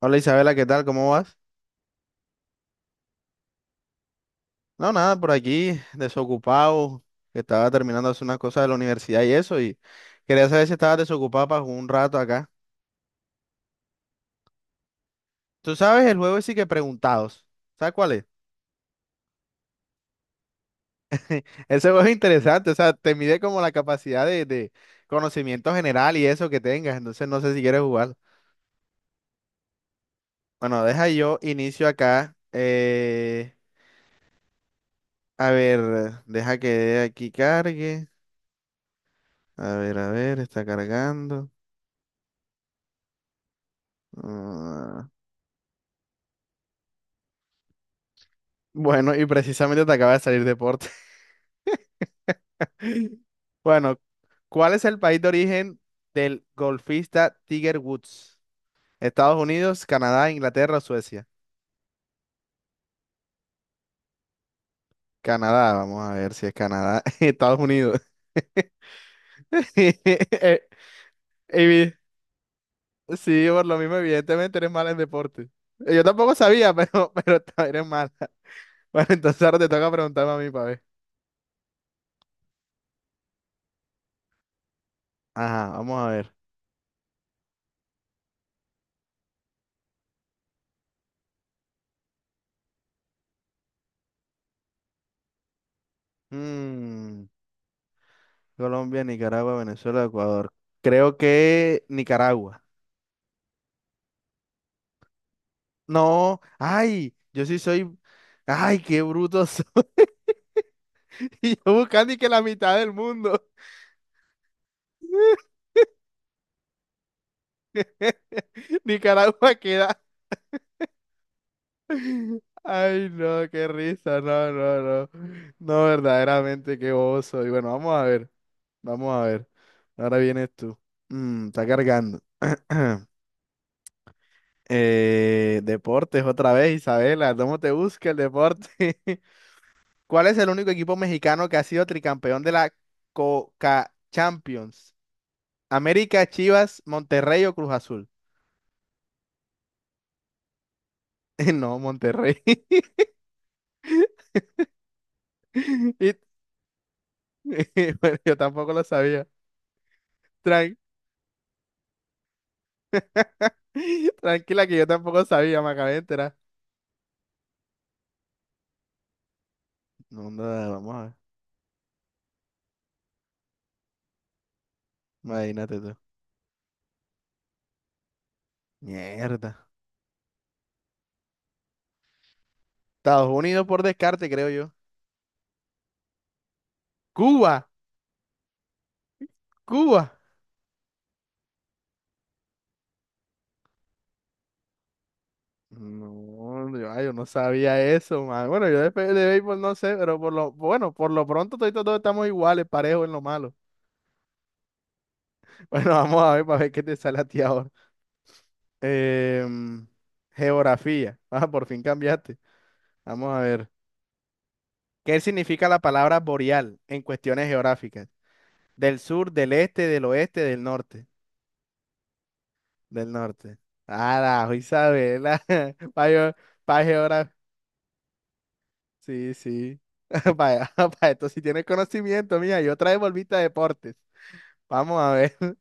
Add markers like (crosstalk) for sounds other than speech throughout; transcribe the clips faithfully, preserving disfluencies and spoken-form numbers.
Hola Isabela, ¿qué tal? ¿Cómo vas? No, nada, por aquí, desocupado, que estaba terminando de hacer unas cosas de la universidad y eso, y quería saber si estabas desocupado para jugar un rato acá. Tú sabes, el juego sí que preguntados. ¿Sabes cuál es? (laughs) Ese juego es interesante, o sea, te mide como la capacidad de, de conocimiento general y eso que tengas, entonces no sé si quieres jugar. Bueno, deja yo inicio acá. Eh, a ver, deja que aquí cargue. A ver, a ver, está cargando. Ah. Bueno, y precisamente te acaba de salir deporte. (laughs) Bueno, ¿cuál es el país de origen del golfista Tiger Woods? Estados Unidos, Canadá, Inglaterra o Suecia. Canadá, vamos a ver si es Canadá. (laughs) Estados Unidos. (laughs) Eh, evi- Sí, por lo mismo, evidentemente eres mala en deporte. Eh, Yo tampoco sabía, pero, (laughs) pero ta- eres mala. Bueno, entonces ahora te toca preguntarme a mí para ver. Ajá, vamos a ver. Mm, Colombia, Nicaragua, Venezuela, Ecuador. Creo que Nicaragua. No, ay, yo sí soy. Ay, qué bruto soy. (laughs) Y yo buscando y que la mitad del mundo. (laughs) Nicaragua queda. (laughs) Ay, no, qué risa. No, no, no. No, verdaderamente, qué bobo soy. Bueno, vamos a ver. Vamos a ver. Ahora vienes tú. Mm, está cargando. (clears throat) Eh, deportes otra vez, Isabela. ¿Cómo te busca el deporte? (laughs) ¿Cuál es el único equipo mexicano que ha sido tricampeón de la Coca Champions? ¿América, Chivas, Monterrey o Cruz Azul? (laughs) No, Monterrey. (laughs) Y- (laughs) bueno, yo tampoco lo sabía. Tran- (laughs) Tranquila que yo tampoco sabía, me acabé de enterar. No, no, vamos a ver. Imagínate tú. Mierda. Estados Unidos por descarte, creo yo. Cuba, Cuba. No, yo, ay, yo no sabía eso, man. Bueno, yo de, fe- de béisbol no sé, pero por lo, bueno, por lo pronto todos, todos estamos iguales, parejos en lo malo. (laughs) Bueno, vamos a ver para ver qué te sale a ti ahora. Em, Geografía. (laughs) Ah, por fin cambiaste. Vamos a ver. ¿Qué significa la palabra boreal en cuestiones geográficas? Del sur, del este, del oeste, del norte. Del norte. Ah, la Isabela. (laughs) Para sí, sí. (laughs) Vaya, (laughs) vaya, esto sí tienes conocimiento, mía. Yo trae volvita volviste a deportes. Vamos a ver. (laughs)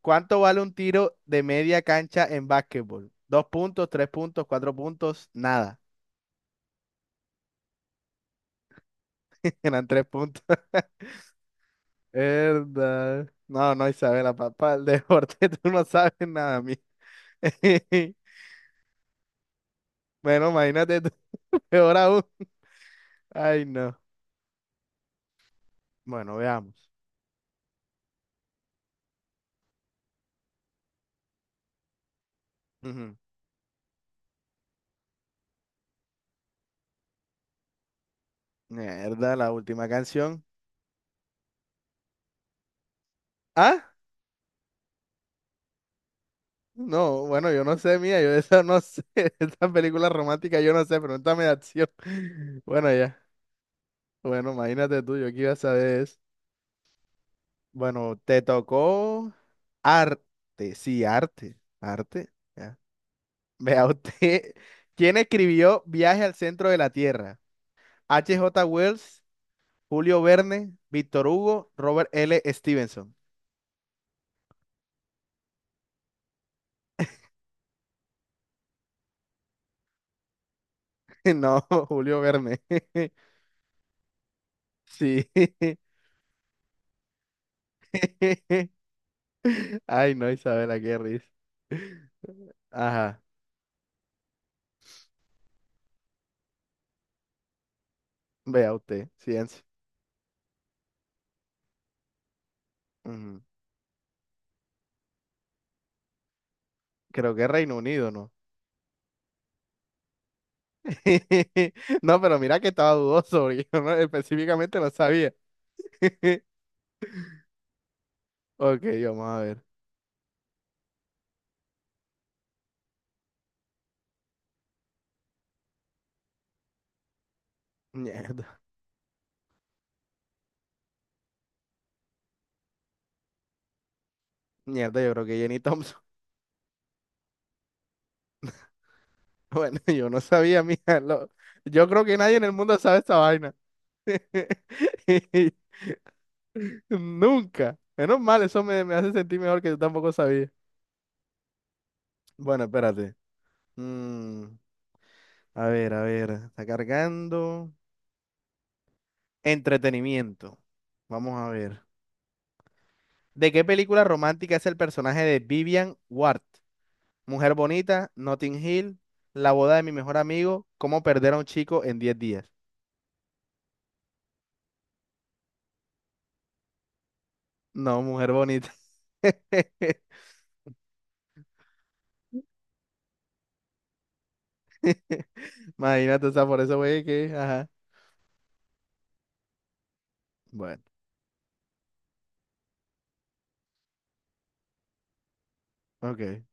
¿Cuánto vale un tiro de media cancha en básquetbol? Dos puntos, tres puntos, cuatro puntos, nada. (laughs) Eran tres puntos. (laughs) Verdad. No, no, Isabela, papá, el deporte, (laughs) tú no sabes nada, mí. (laughs) Bueno, imagínate tú, (laughs) peor aún. Ay, no. Bueno, veamos. Ujú. Mierda, la última canción. ¿Ah? No, bueno, yo no sé, mía, yo de esa no sé, (laughs) esta película romántica yo no sé, pregúntame de acción. (laughs) Bueno, ya, bueno, imagínate tú, yo que iba a saber eso. Bueno, te tocó arte, sí, arte, arte, ya. Vea usted, (laughs) ¿quién escribió Viaje al centro de la Tierra? H. J. Wells, Julio Verne, Víctor Hugo, Robert L. Stevenson. (laughs) No, Julio Verne, (laughs) sí. (laughs) Ay, no, Isabela, qué risa. Ajá, vea usted, ciencia. Ujú. Creo que Reino Unido, ¿no? (laughs) No, pero mira que estaba dudoso, porque yo no- específicamente no sabía. (laughs) Ok, vamos a ver. Mierda, mierda, yo creo que Jenny Thompson. (laughs) Bueno, yo no sabía, mija. lo- Yo creo que nadie en el mundo sabe esta vaina. (laughs) Nunca. Menos mal, eso me, me hace sentir mejor que yo tampoco sabía. Bueno, espérate. Mm, a ver, a ver. Está cargando. Entretenimiento. Vamos a ver. ¿De qué película romántica es el personaje de Vivian Ward? Mujer bonita, Notting Hill, La boda de mi mejor amigo, ¿Cómo perder a un chico en Diez días? No, mujer bonita. (laughs) Imagínate, o sea, por eso güey que, ajá. Bueno, ok.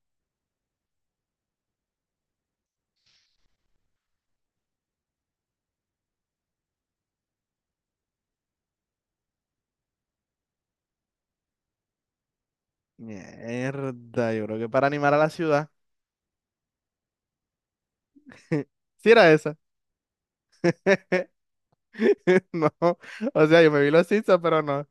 Mierda, yo creo que para animar a la ciudad. (laughs) Sí era esa. (laughs) No, o sea, yo me vi los Simpsons, pero no.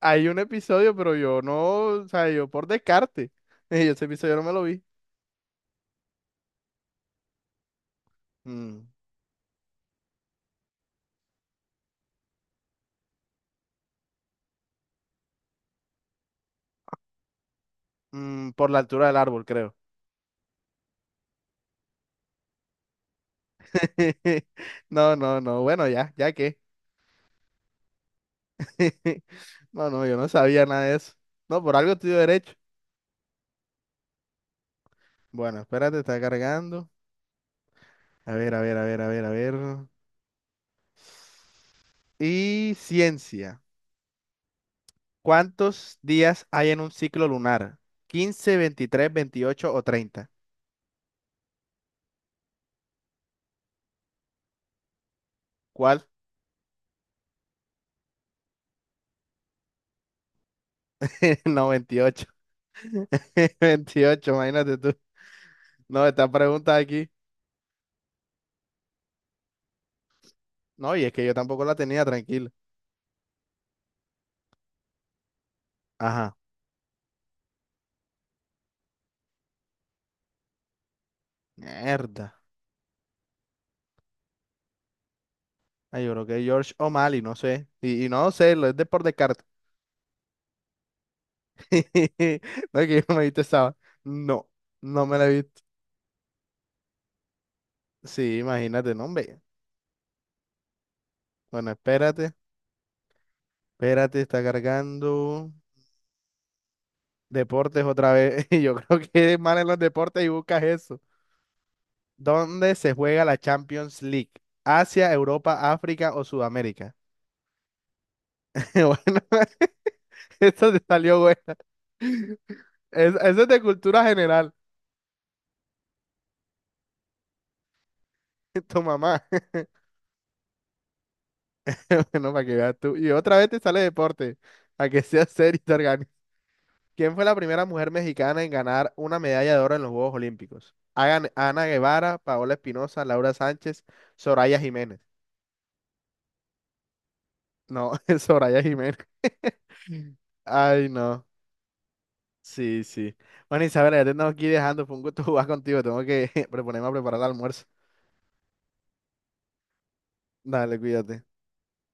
Hay un episodio, pero yo no, o sea, yo por descarte. (laughs) Yo ese episodio no me lo vi. Mm. Mm, por la altura del árbol, creo. (laughs) No, no, no. Bueno, ya, ya qué. (laughs) No, no, yo no sabía nada de eso. No, por algo estoy derecho. Bueno, espérate, está cargando. A ver, a ver, a ver, a ver, a ver. Y ciencia. ¿Cuántos días hay en un ciclo lunar? Quince, veintitrés, veintiocho o treinta. ¿Cuál? (laughs) No, veintiocho. (laughs) Veintiocho. Imagínate tú. No, esta pregunta aquí. No, y es que yo tampoco la tenía, tranquilo. Ajá. Mierda. Ay, yo creo que George O'Malley, no sé. Y, y no sé, lo es de por descarte. (laughs) No es que yo no me viste esa. No, no me la he visto. Sí, imagínate, no, hombre. Bueno, espérate, espérate, está cargando. Deportes otra vez. (laughs) Yo creo que es mal en los deportes y buscas eso. ¿Dónde se juega la Champions League? ¿Asia, Europa, África o Sudamérica? (laughs) Bueno, (laughs) esto te salió bueno. Es- Eso es de cultura general. (laughs) Tu mamá. (laughs) Bueno, para que veas tú. Y otra vez te sale deporte. A que sea serio y te organices. ¿Quién fue la primera mujer mexicana en ganar una medalla de oro en los Juegos Olímpicos? Hagan- Ana Guevara, Paola Espinosa, Laura Sánchez, Soraya Jiménez. No, (laughs) es Soraya Jiménez. (laughs) Ay, no. Sí, sí. Bueno, Isabela, ya te tengo que ir dejando. Fue un gusto (laughs) jugar contigo. Tengo que (laughs) proponerme a preparar el almuerzo. Dale, cuídate.